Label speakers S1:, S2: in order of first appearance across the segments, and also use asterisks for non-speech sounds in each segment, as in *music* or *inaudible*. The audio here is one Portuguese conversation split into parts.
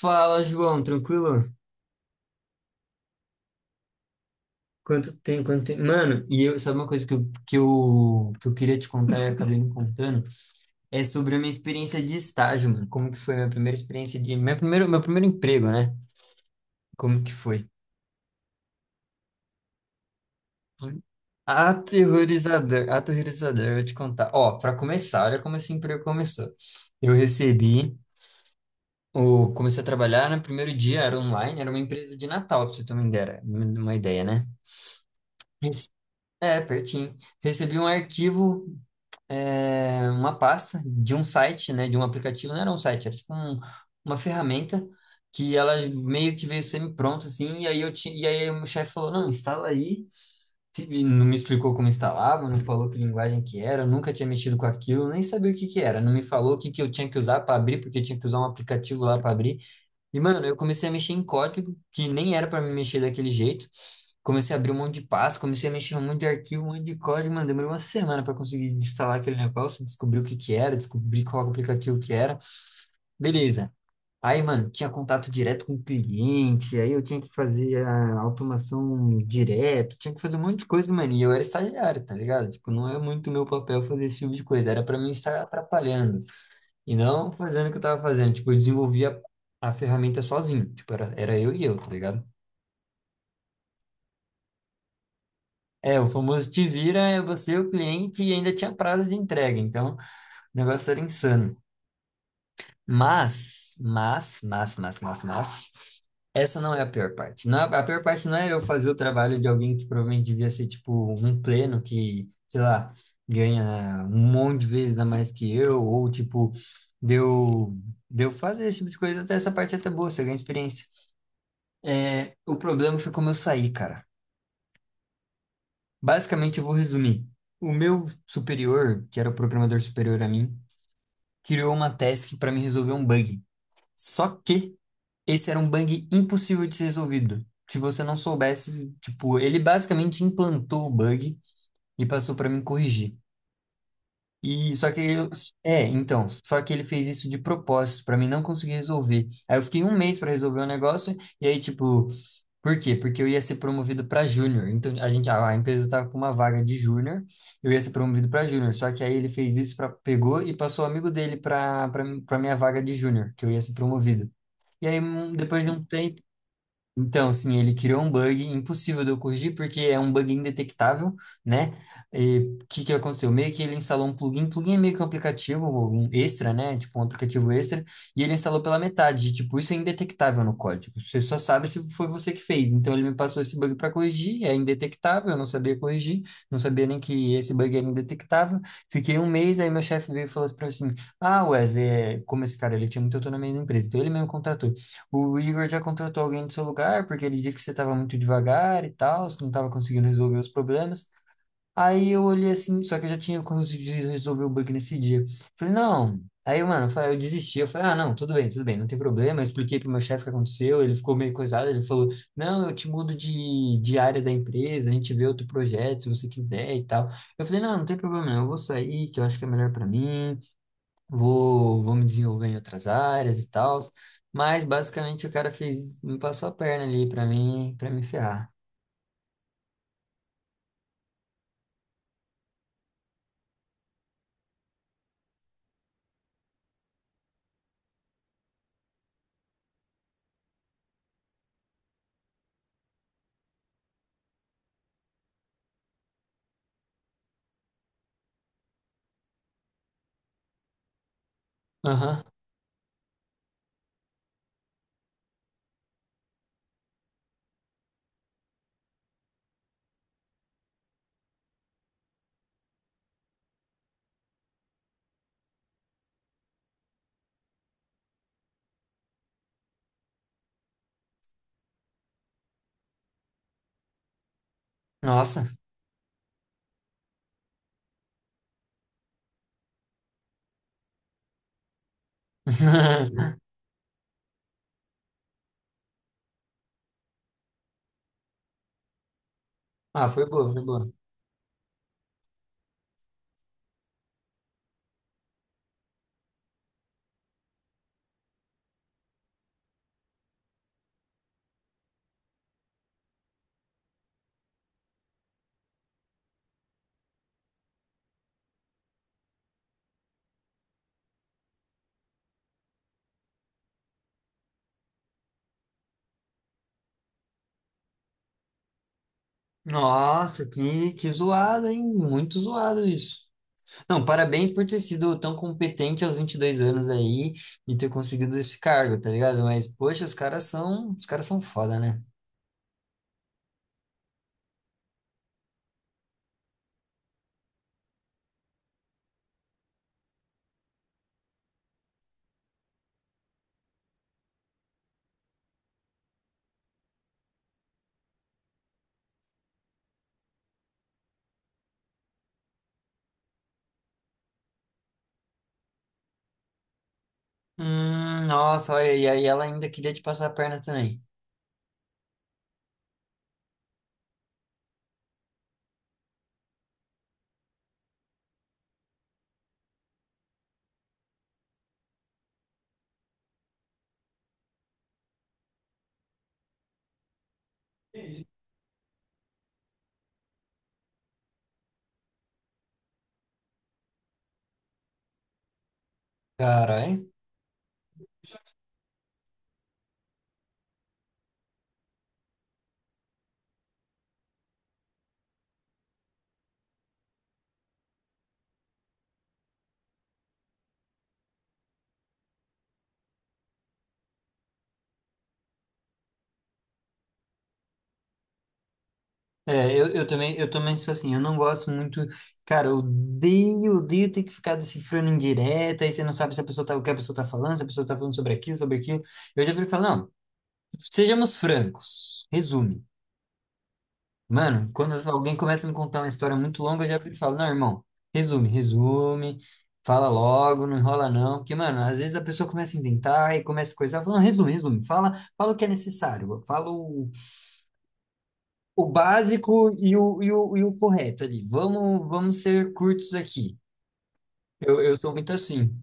S1: Fala, João, tranquilo? Quanto tempo, quanto tempo? Mano, e eu, sabe uma coisa que eu queria te contar e acabei não contando? É sobre a minha experiência de estágio, mano. Como que foi a minha primeira experiência. Meu primeiro emprego, né? Como que foi? Aterrorizador, aterrorizador, eu vou te contar. Ó, pra começar, olha como esse emprego começou. Eu recebi, Comecei a trabalhar no primeiro dia, era online, era uma empresa de Natal, pra você ter uma ideia, né? Rece- É, pertinho. Recebi um arquivo, uma pasta de um site, né, de um aplicativo, não era um site, era tipo uma ferramenta que ela meio que veio semi-pronta, assim, e aí eu tinha, e aí o meu chefe falou, não, instala aí, e não me explicou como instalava, não falou que linguagem que era, eu nunca tinha mexido com aquilo, nem sabia o que que era, não me falou o que que eu tinha que usar para abrir, porque eu tinha que usar um aplicativo lá para abrir. E, mano, eu comecei a mexer em código, que nem era pra me mexer daquele jeito. Comecei a abrir um monte de pasta, comecei a mexer em um monte de arquivo, um monte de código, mano. Demorou uma semana pra conseguir instalar aquele negócio, descobrir o que que era, descobrir qual aplicativo que era. Beleza. Aí, mano, tinha contato direto com o cliente, aí eu tinha que fazer a automação direto, tinha que fazer um monte de coisa, mano. E eu era estagiário, tá ligado? Tipo, não é muito meu papel fazer esse tipo de coisa, era pra mim estar atrapalhando. E não fazendo o que eu tava fazendo. Tipo, eu desenvolvia a ferramenta sozinho. Tipo, era eu e eu, tá ligado? É, o famoso te vira, é você o cliente e ainda tinha prazo de entrega. Então, o negócio era insano. Mas, essa não é a pior parte. Não, a pior parte não é eu fazer o trabalho de alguém que provavelmente devia ser, tipo, um pleno que, sei lá, ganha um monte de vezes a mais que eu, ou, tipo, deu, deu fazer esse tipo de coisa. Até essa parte é até boa, você ganha experiência. É, o problema foi como eu saí, cara. Basicamente, eu vou resumir. O meu superior, que era o programador superior a mim, criou uma task para me resolver um bug. Só que esse era um bug impossível de ser resolvido. Se você não soubesse, tipo, ele basicamente implantou o bug e passou para mim corrigir. E só que eu, é, Então, só que ele fez isso de propósito para mim não conseguir resolver. Aí eu fiquei um mês para resolver o negócio e aí tipo. Por quê? Porque eu ia ser promovido para júnior. Então a empresa estava com uma vaga de júnior, eu ia ser promovido para júnior. Só que aí ele fez isso, para pegou e passou o amigo dele para minha vaga de júnior, que eu ia ser promovido. E aí depois de um tempo, então, sim, ele criou um bug impossível de eu corrigir, porque é um bug indetectável, né? E o que que aconteceu? Meio que ele instalou um plugin, plugin é meio que um aplicativo, um extra, né? Tipo um aplicativo extra, e ele instalou pela metade. E, tipo, isso é indetectável no código. Você só sabe se foi você que fez. Então, ele me passou esse bug para corrigir, é indetectável, eu não sabia corrigir, não sabia nem que esse bug era indetectável. Fiquei um mês, aí meu chefe veio e falou assim pra mim assim: ah, Wesley, como esse cara ele tinha muita autonomia na empresa, então ele mesmo contratou. O Igor já contratou alguém do seu lugar, porque ele disse que você estava muito devagar e tal, que não estava conseguindo resolver os problemas. Aí eu olhei assim, só que eu já tinha conseguido resolver o bug nesse dia. Falei, não. Aí, mano, eu desisti. Eu falei, ah, não, tudo bem, não tem problema. Eu expliquei pro meu chefe o que aconteceu, ele ficou meio coisado. Ele falou, não, eu te mudo de área da empresa, a gente vê outro projeto, se você quiser e tal. Eu falei, não, não tem problema, eu vou sair, que eu acho que é melhor para mim, vou me desenvolver em outras áreas e tal, mas basicamente o cara fez, me passou a perna ali pra mim, para me ferrar. Aham. Nossa. *laughs* Ah, foi boa, foi boa. Nossa, que zoado, hein? Muito zoado isso. Não, parabéns por ter sido tão competente aos 22 anos aí e ter conseguido esse cargo, tá ligado? Mas, poxa, os caras são foda, né? Nossa, olha, e aí ela ainda queria te passar a perna também. Caralho. É, eu também sou assim, eu não gosto muito, cara, eu odeio, odeio ter que ficar decifrando em direta, aí você não sabe se a pessoa tá, o que a pessoa tá falando, se a pessoa tá falando sobre aquilo, sobre aquilo. Eu já prefiro falar, não, sejamos francos, resume. Mano, quando alguém começa a me contar uma história muito longa, eu já prefiro falar, não, irmão, resume, resume, fala logo, não enrola não, porque, mano, às vezes a pessoa começa a inventar e começa a coisar, falando, resume, resume, fala, fala o que é necessário, fala o básico e o correto ali. Vamos, vamos ser curtos aqui. Eu sou muito assim.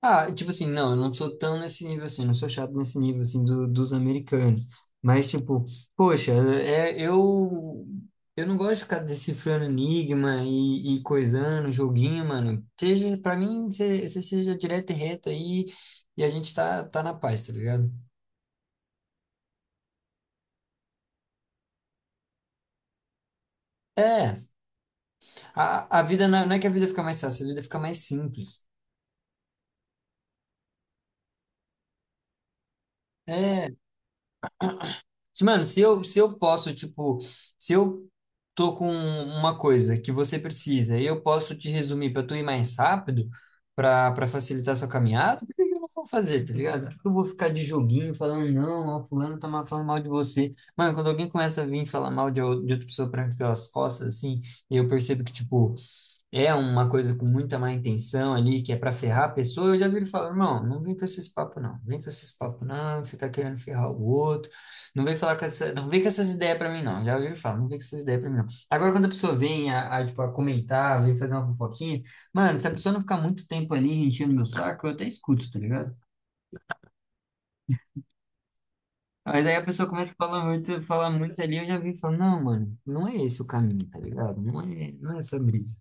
S1: Ah, tipo assim, não, eu não sou tão nesse nível assim, não sou chato nesse nível assim dos americanos. Mas, tipo, poxa, eu não gosto de ficar decifrando enigma e coisando, joguinho, mano. Seja, pra mim, você seja direto e reto aí e a gente tá na paz, tá ligado? É, a vida não é que a vida fica mais fácil, a vida fica mais simples. É, mano, se eu posso, tipo, se eu tô com uma coisa que você precisa e eu posso te resumir pra tu ir mais rápido, pra para facilitar sua caminhada, por que que eu não vou fazer, tá ligado? Por que que eu vou ficar de joguinho falando, não, ó, fulano falando mal de você. Mano, quando alguém começa a vir falar mal de outra pessoa pra mim pelas costas, assim, e eu percebo que, tipo, é uma coisa com muita má intenção ali, que é para ferrar a pessoa, eu já vi ele falar, irmão, não vem com esses papos não, vem com esses papos não, que você tá querendo ferrar o outro, não vem falar com essa, não vem com essas ideias para mim não, já ouvi ele falar, não vem com essas ideias para mim não. Agora, quando a pessoa vem tipo, a comentar, vem fazer uma fofoquinha, mano, se a pessoa não ficar muito tempo ali enchendo meu saco, eu até escuto, tá ligado? Aí daí a pessoa começa a falar muito ali, eu já vi e falo, não, mano, não é esse o caminho, tá ligado? Não é, não é sobre isso.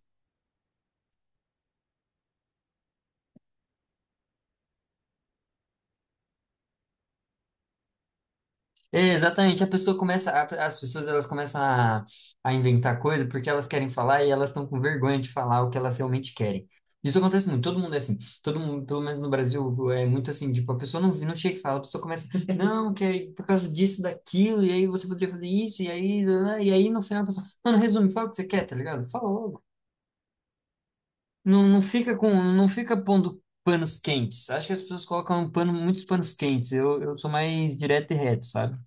S1: É, exatamente, a pessoa começa, as pessoas elas começam a inventar coisa porque elas querem falar e elas estão com vergonha de falar o que elas realmente querem. Isso acontece muito, todo mundo é assim, todo mundo, pelo menos no Brasil, é muito assim, tipo, a pessoa não chega e fala, a pessoa começa, não, que é por causa disso, daquilo, e aí você poderia fazer isso, e aí, né, e aí no final a pessoa, mano, resume, fala o que você quer, tá ligado? Fala logo. Não, não fica com, não fica pondo panos quentes. Acho que as pessoas colocam pano, muitos panos quentes. Eu sou mais direto e reto, sabe?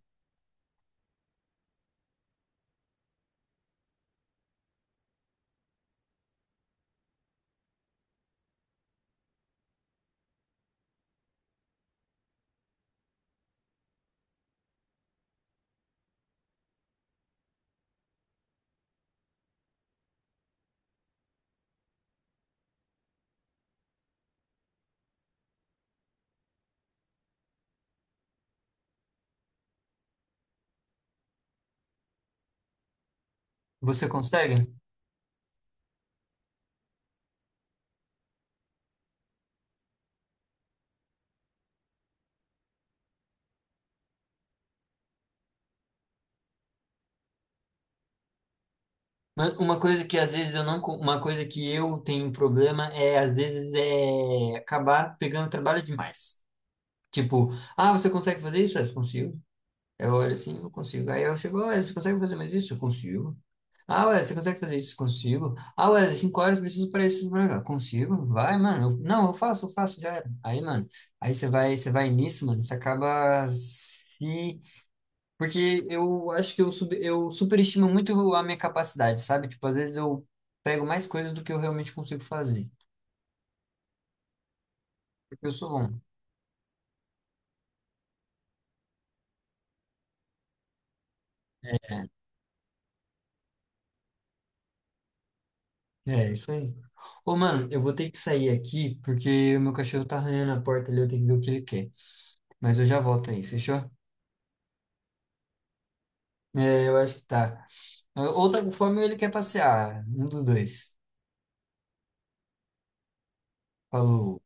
S1: Você consegue? Mas uma coisa que às vezes eu não, uma coisa que eu tenho um problema é às vezes é acabar pegando trabalho demais. Tipo, ah, você consegue fazer isso? Ah, eu consigo. Eu olho assim, eu consigo. Aí eu chego, olha, você consegue fazer mais isso? Eu consigo. Ah, ué, você consegue fazer isso? Consigo. Ah, ué, 5 horas eu preciso para isso, pra cá. Consigo. Vai, mano. Não, eu faço, já era. Aí, mano, aí você vai nisso, mano, você acaba se, porque eu acho que eu superestimo muito a minha capacidade, sabe? Tipo, às vezes eu pego mais coisas do que eu realmente consigo fazer. Porque eu sou bom. É, isso aí. Ô, mano, eu vou ter que sair aqui porque o meu cachorro tá arranhando a porta ali, eu tenho que ver o que ele quer. Mas eu já volto aí, fechou? É, eu acho que tá. Ou tá com fome ou ele quer passear. Um dos dois. Falou.